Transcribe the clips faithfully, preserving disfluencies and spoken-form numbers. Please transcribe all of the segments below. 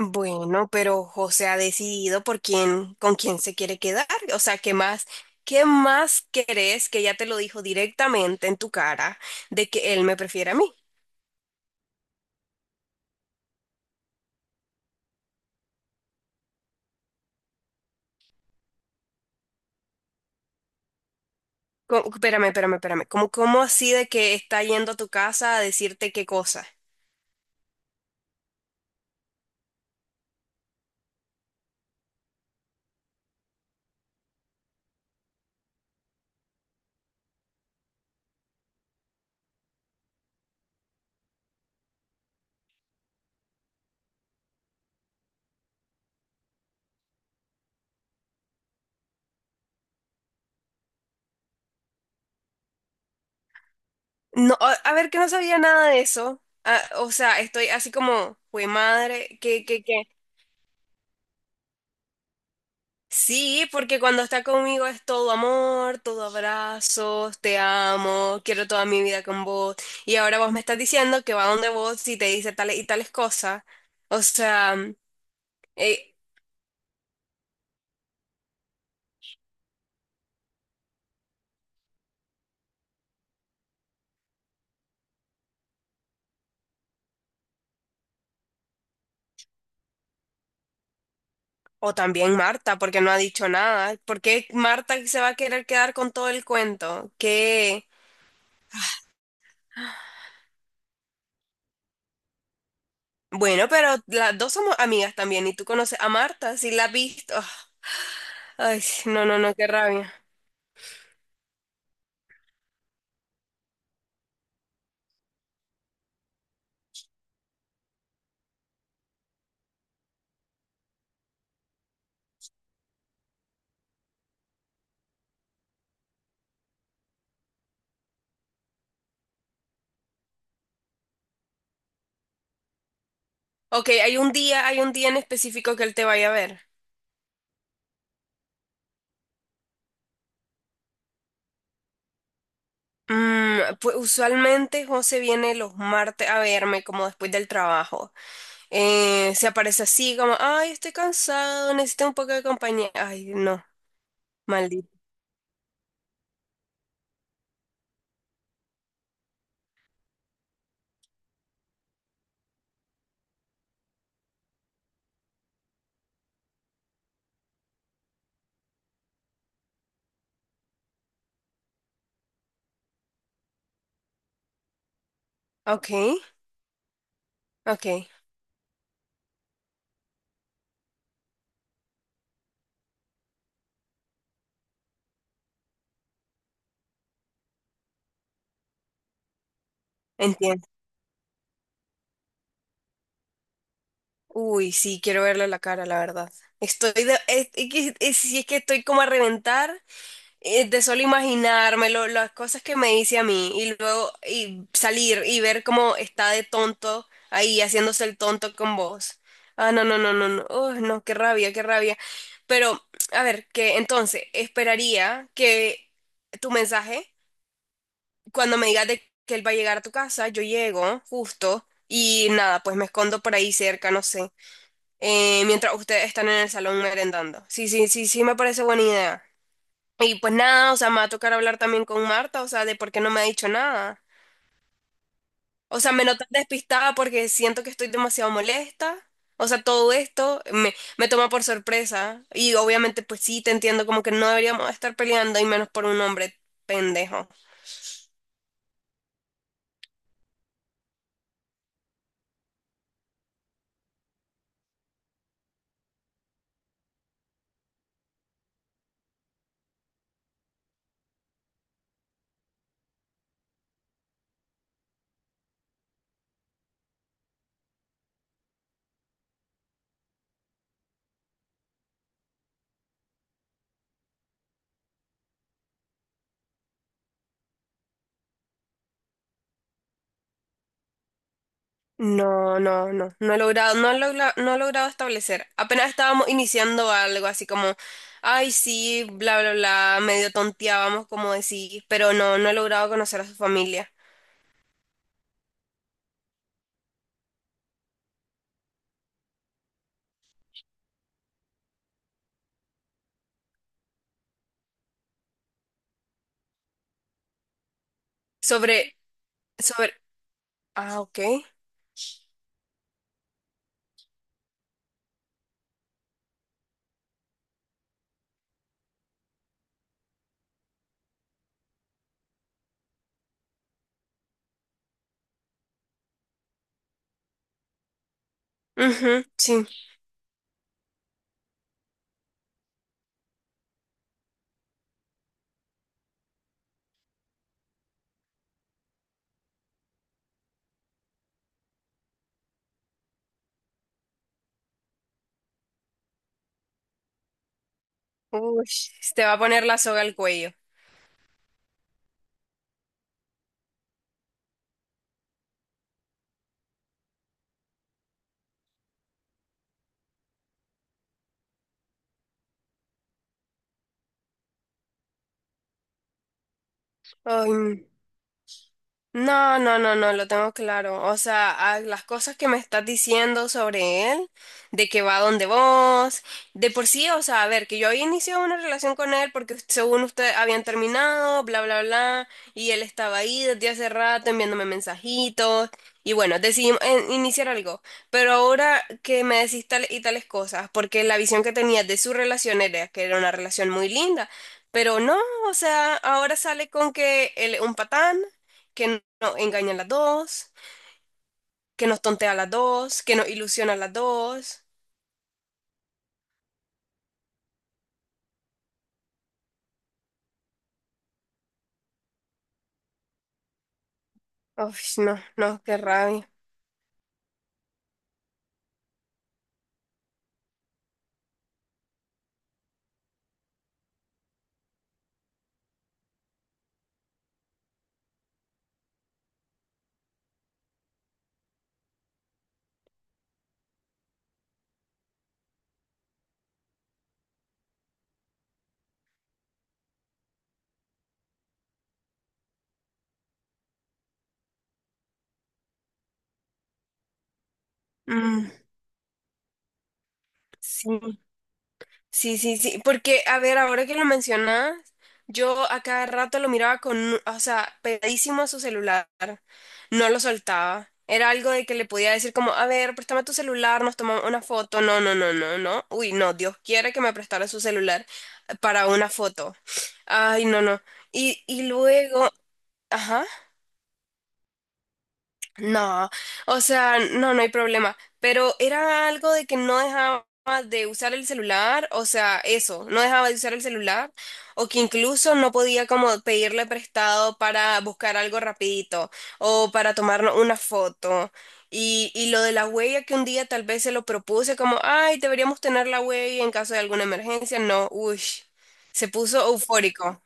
Bueno, pero José ha decidido por quién, con quién se quiere quedar. O sea, ¿qué más, qué más querés que ya te lo dijo directamente en tu cara de que él me prefiere a mí? Co- espérame, espérame, espérame. ¿Cómo, cómo así de que está yendo a tu casa a decirte qué cosa? No, a, a ver, que no sabía nada de eso. Ah, o sea, estoy así como, fue madre, ¿qué, qué, qué? Sí, porque cuando está conmigo es todo amor, todo abrazos, te amo, quiero toda mi vida con vos. Y ahora vos me estás diciendo que va donde vos y te dice tales y tales cosas. O sea, mm, eh, o también Marta, porque no ha dicho nada. ¿Por qué Marta se va a querer quedar con todo el cuento? Que, bueno, pero las dos somos amigas también y tú conoces a Marta, si la has visto. Ay, no, no, no, qué rabia. Ok, hay un día, hay un día en específico que él te vaya a ver. Mm, pues usualmente José viene los martes a verme como después del trabajo. Eh, se aparece así como, ay, estoy cansado, necesito un poco de compañía. Ay, no, maldito. Ok, ok, entiendo. Uy, sí, quiero verle la cara, la verdad. Estoy de, es, es que- es- si es que estoy como a reventar, eh, de solo imaginármelo, las cosas que me hice a mí y luego y salir y ver cómo está de tonto ahí haciéndose el tonto con vos. Ah, no, no, no, no, no, uy, no, qué rabia, qué rabia. Pero, a ver, que entonces esperaría que tu mensaje, cuando me digas de que él va a llegar a tu casa, yo llego justo y nada, pues me escondo por ahí cerca, no sé, eh, mientras ustedes están en el salón merendando. Sí, sí, sí, sí, me parece buena idea. Y pues nada, o sea, me va a tocar hablar también con Marta, o sea, de por qué no me ha dicho nada. O sea, me notas despistada porque siento que estoy demasiado molesta. O sea, todo esto me, me toma por sorpresa. Y obviamente, pues sí, te entiendo como que no deberíamos estar peleando y menos por un hombre pendejo. No, no, no, no he logrado, no he logra- no he logrado establecer. Apenas estábamos iniciando algo así como, ay, sí, bla, bla, bla, medio tonteábamos como decís, pero no, no he logrado conocer a su familia. Sobre... Sobre, ah, ok. Ujú, sí. Uy, te va a poner la soga al cuello. Ay, no. No, no, no, no, lo tengo claro. O sea, a las cosas que me estás diciendo sobre él, de que va donde vos, de por sí, o sea, a ver, que yo había iniciado una relación con él porque us- según usted habían terminado, bla, bla, bla, y él estaba ahí desde hace rato enviándome mensajitos, y bueno, decidimos eh, iniciar algo. Pero ahora que me decís tal y tales cosas, porque la visión que tenía de su relación era que era una relación muy linda, pero no, o sea, ahora sale con que él es un patán que nos engañan las dos, que nos tontea las dos, que nos ilusiona las dos. Uf, no, no, qué rabia. Mm, sí, sí, sí, sí, porque a ver, ahora que lo mencionas, yo a cada rato lo miraba con, o sea, pegadísimo a su celular, no lo soltaba. Era algo de que le podía decir como, a ver, préstame tu celular, nos tomamos una foto. No, no, no, no, no. Uy, no, Dios quiere que me prestara su celular para una foto. Ay, no, no. Y, y luego, ajá. No, o sea, no, no hay problema, pero era algo de que no dejaba de usar el celular, o sea, eso, no dejaba de usar el celular, o que incluso no podía como pedirle prestado para buscar algo rapidito, o para tomarnos una foto. Y, y lo de la huella que un día tal vez se lo propuse como, ay, deberíamos tener la huella en caso de alguna emergencia, no, uy, se puso eufórico.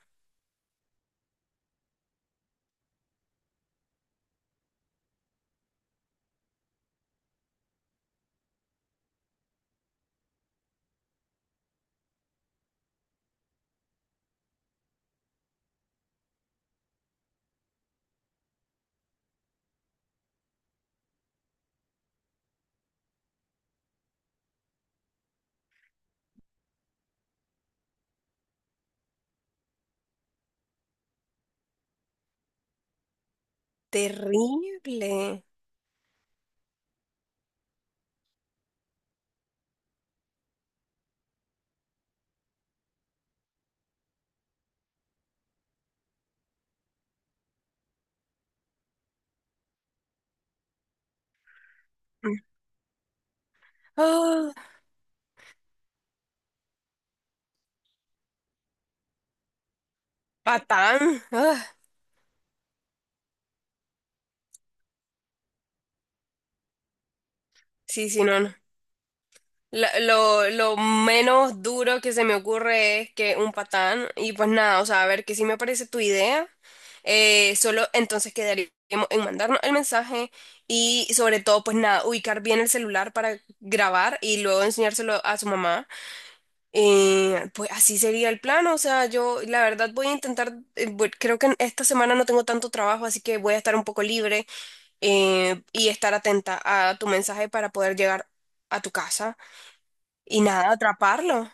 Terrible. Ah, patán. Ah. Sí, sí, no, no. La- Lo, lo menos duro que se me ocurre es que un patán, y pues nada, o sea, a ver, que sí me parece tu idea, eh, solo entonces quedaríamos en mandarnos el mensaje y sobre todo, pues nada, ubicar bien el celular para grabar y luego enseñárselo a su mamá. Eh, pues así sería el plan, o sea, yo la verdad voy a intentar, eh, bu- creo que en esta semana no tengo tanto trabajo, así que voy a estar un poco libre, eh, y estar atenta a tu mensaje para poder llegar a tu casa y nada, atraparlo.